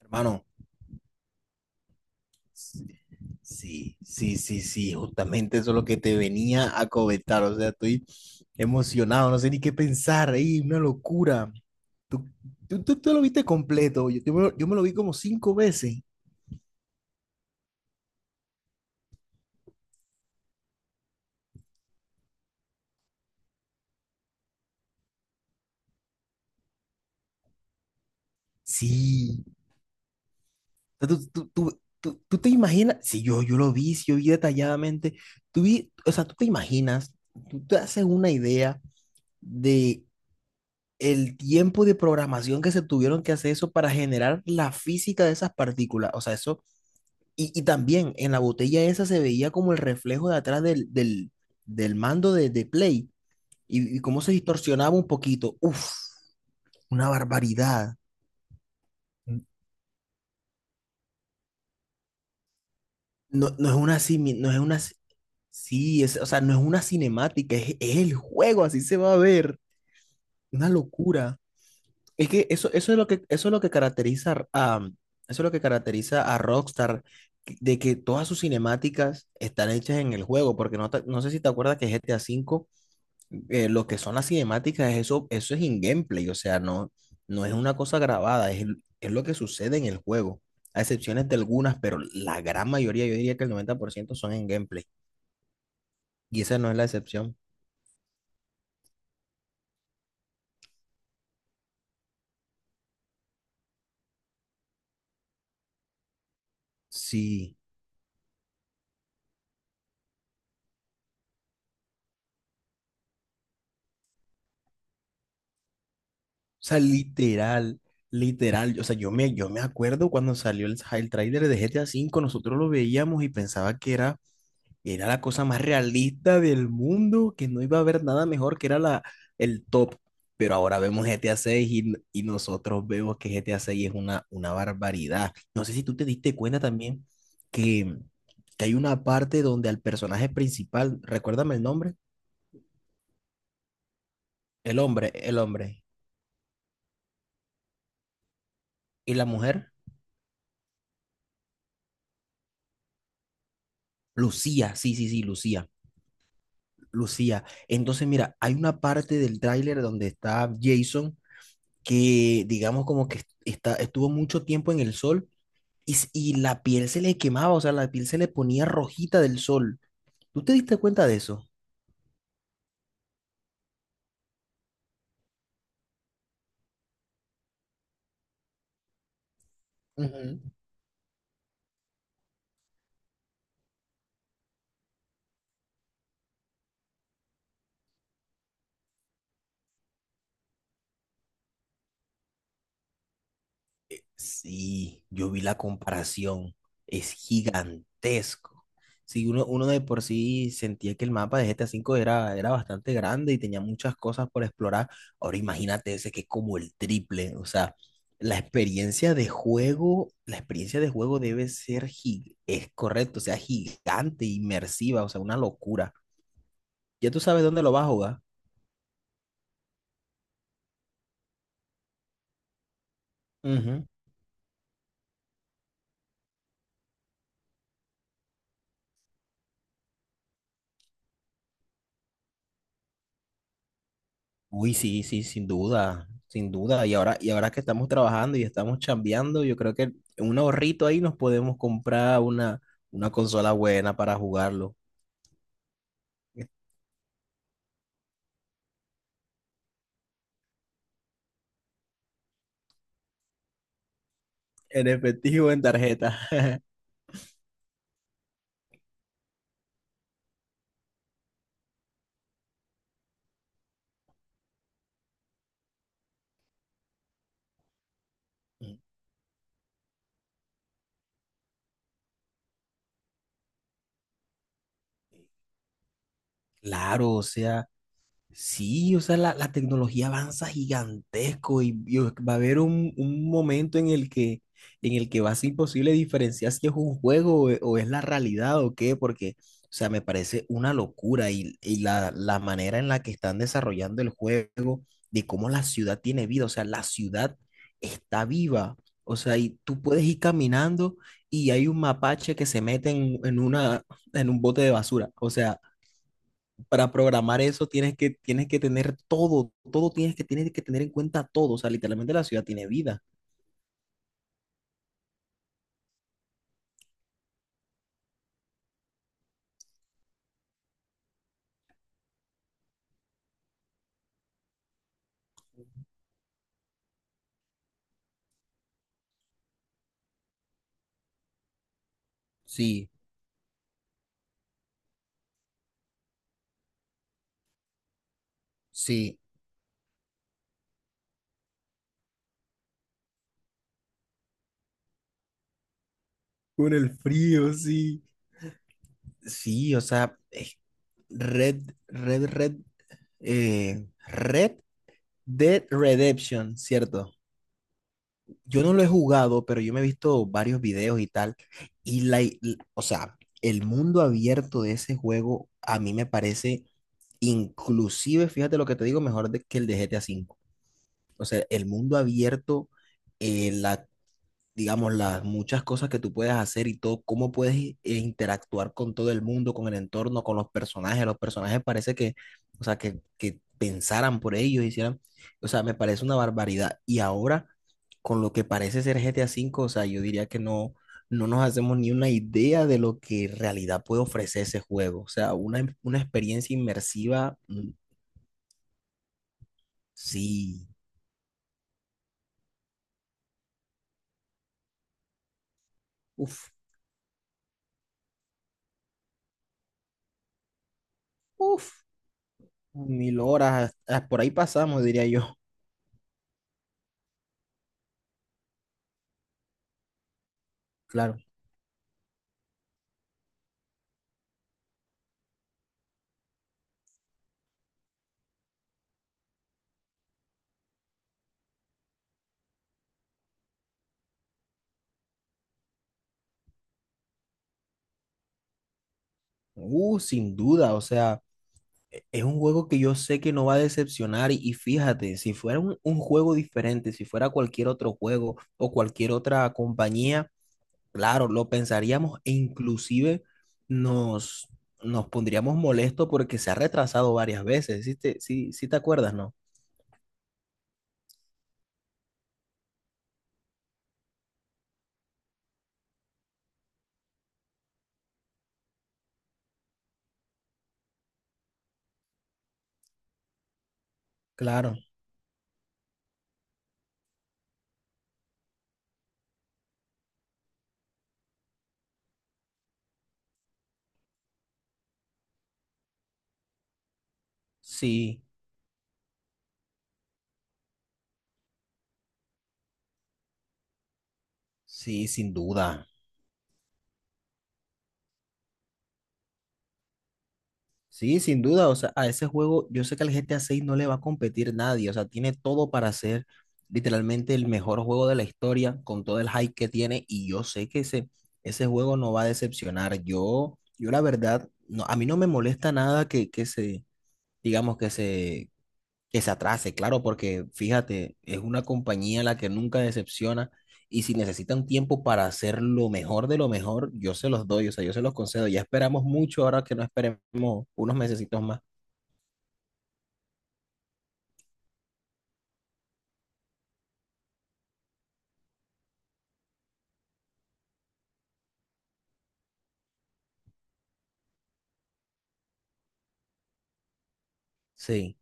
Hermano, sí, sí, sí, sí, justamente eso es lo que te venía a comentar. O sea, estoy emocionado, no sé ni qué pensar, ahí, una locura. Tú, tú lo viste completo, yo me lo vi como cinco veces. Sí. O sea, tú te imaginas, sí, yo lo vi, sí, yo vi detalladamente. Tú vi, o sea, tú te imaginas, tú te haces una idea de el tiempo de programación que se tuvieron que hacer eso para generar la física de esas partículas. O sea, eso. Y también en la botella esa se veía como el reflejo de atrás del mando de Play y cómo se distorsionaba un poquito. Uf, una barbaridad. No, no es una, simi- no es una, ci- Sí, es, o sea, no es una cinemática, es el juego, así se va a ver. Una locura. Es que eso es lo que caracteriza a, eso es lo que caracteriza a Rockstar, de que todas sus cinemáticas están hechas en el juego, porque no, no sé si te acuerdas que GTA V lo que son las cinemáticas, eso es in-gameplay, o sea, no, no es una cosa grabada, es, es lo que sucede en el juego, a excepciones de algunas, pero la gran mayoría, yo diría que el 90% son en gameplay, y esa no es la excepción. Sí, o sea, literal, literal, o sea, yo me acuerdo cuando salió el tráiler de GTA V, nosotros lo veíamos y pensaba que era. Y era la cosa más realista del mundo, que no iba a haber nada mejor, que era la, el top. Pero ahora vemos GTA 6 y nosotros vemos que GTA 6 es una barbaridad. No sé si tú te diste cuenta también que, que hay una parte donde al personaje principal, recuérdame el nombre, el hombre, y la mujer, Lucía, sí, sí, sí, Lucía, Lucía. Entonces, mira, hay una parte del tráiler donde está Jason, que digamos como que está, estuvo mucho tiempo en el sol y, y la piel se le quemaba, o sea, la piel se le ponía rojita del sol. ¿Tú te diste cuenta de eso? Ujú. Sí, yo vi la comparación. Es gigantesco. Sí, uno de por sí sentía que el mapa de GTA V era bastante grande y tenía muchas cosas por explorar. Ahora imagínate ese que es como el triple. O sea, la experiencia de juego, la experiencia de juego debe ser, es correcto, o sea, gigante, inmersiva, o sea, una locura. Ya tú sabes dónde lo vas a jugar. Ujú. Uy, sí, sí, sin duda, sin duda. Y ahora que estamos trabajando y estamos chambeando, yo creo que un ahorrito ahí nos podemos comprar una consola buena para jugarlo. En efectivo, en tarjeta. Claro, o sea. Sí, o sea, la tecnología avanza gigantesco y va a haber un momento en el que va a ser imposible diferenciar si es un juego o, o es la realidad o qué, porque, o sea, me parece una locura y la manera en la que están desarrollando el juego, de cómo la ciudad tiene vida, o sea, la ciudad está viva, o sea, y tú puedes ir caminando y hay un mapache que se mete en, en un bote de basura, o sea para programar eso tienes que tener todo, todo tienes que tener en cuenta todo. O sea, literalmente la ciudad tiene vida. Sí, sí. Con el frío, sí. Sí, o sea, es. Red, Red, Red, Red Dead Redemption, ¿cierto? Yo no lo he jugado, pero yo me he visto varios videos y tal. Y la, y- o sea, el mundo abierto de ese juego a mí me parece, inclusive, fíjate lo que te digo, mejor que el de GTA V. O sea, el mundo abierto, eh, la, digamos, las muchas cosas que tú puedes hacer y todo, cómo puedes interactuar con todo el mundo, con el entorno, con los personajes. Los personajes parece que, o sea, que pensaran por ellos, hicieran, o sea, me parece una barbaridad. Y ahora, con lo que parece ser GTA V, o sea, yo diría que no, no nos hacemos ni una idea de lo que en realidad puede ofrecer ese juego. O sea, una experiencia inmersiva, sí, uff, uff. Mil horas, ah, por ahí pasamos, diría yo. Claro. Sin duda, o sea, es un juego que yo sé que no va a decepcionar y fíjate, si fuera un juego diferente, si fuera cualquier otro juego o cualquier otra compañía, claro, lo pensaríamos e inclusive nos, nos pondríamos molestos porque se ha retrasado varias veces, sí, sí te acuerdas, no? Claro, sí, sí, sin duda. Sí, sin duda, o sea, a ese juego yo sé que al GTA 6 no le va a competir nadie, o sea, tiene todo para ser literalmente el mejor juego de la historia con todo el hype que tiene y yo sé que ese juego no va a decepcionar. Yo la verdad, no, a mí no me molesta nada que, que se, digamos, que se atrase, claro, porque fíjate, es una compañía la que nunca decepciona y si necesitan tiempo para hacer lo mejor de lo mejor, yo se los doy, o sea, yo se los concedo. Ya esperamos mucho, ahora que no esperemos unos mesecitos más. Sí,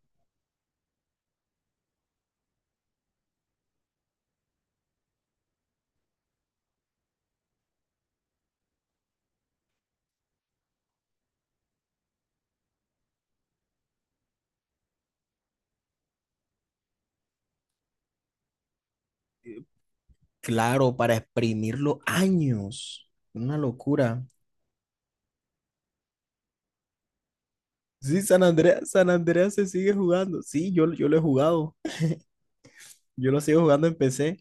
claro, para exprimirlo años. Una locura. Sí, San Andreas, San Andreas se sigue jugando. Sí, yo lo he jugado. Yo lo sigo jugando en PC.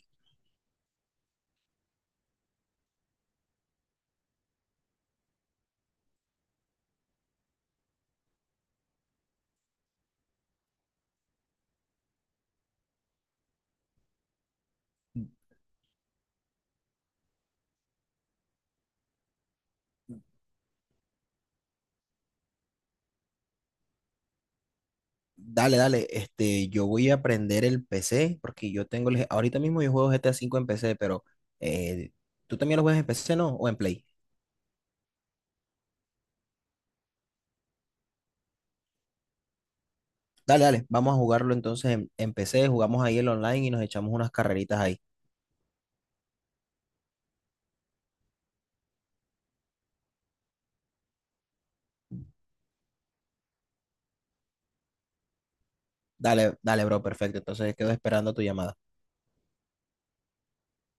Dale, dale, este, yo voy a aprender el PC porque yo tengo, ahorita mismo yo juego GTA V en PC, pero eh, tú también lo juegas en PC, ¿no? O en Play. Dale, dale, vamos a jugarlo entonces en PC, jugamos ahí el online y nos echamos unas carreritas ahí. Dale, dale, bro, perfecto. Entonces quedo esperando tu llamada.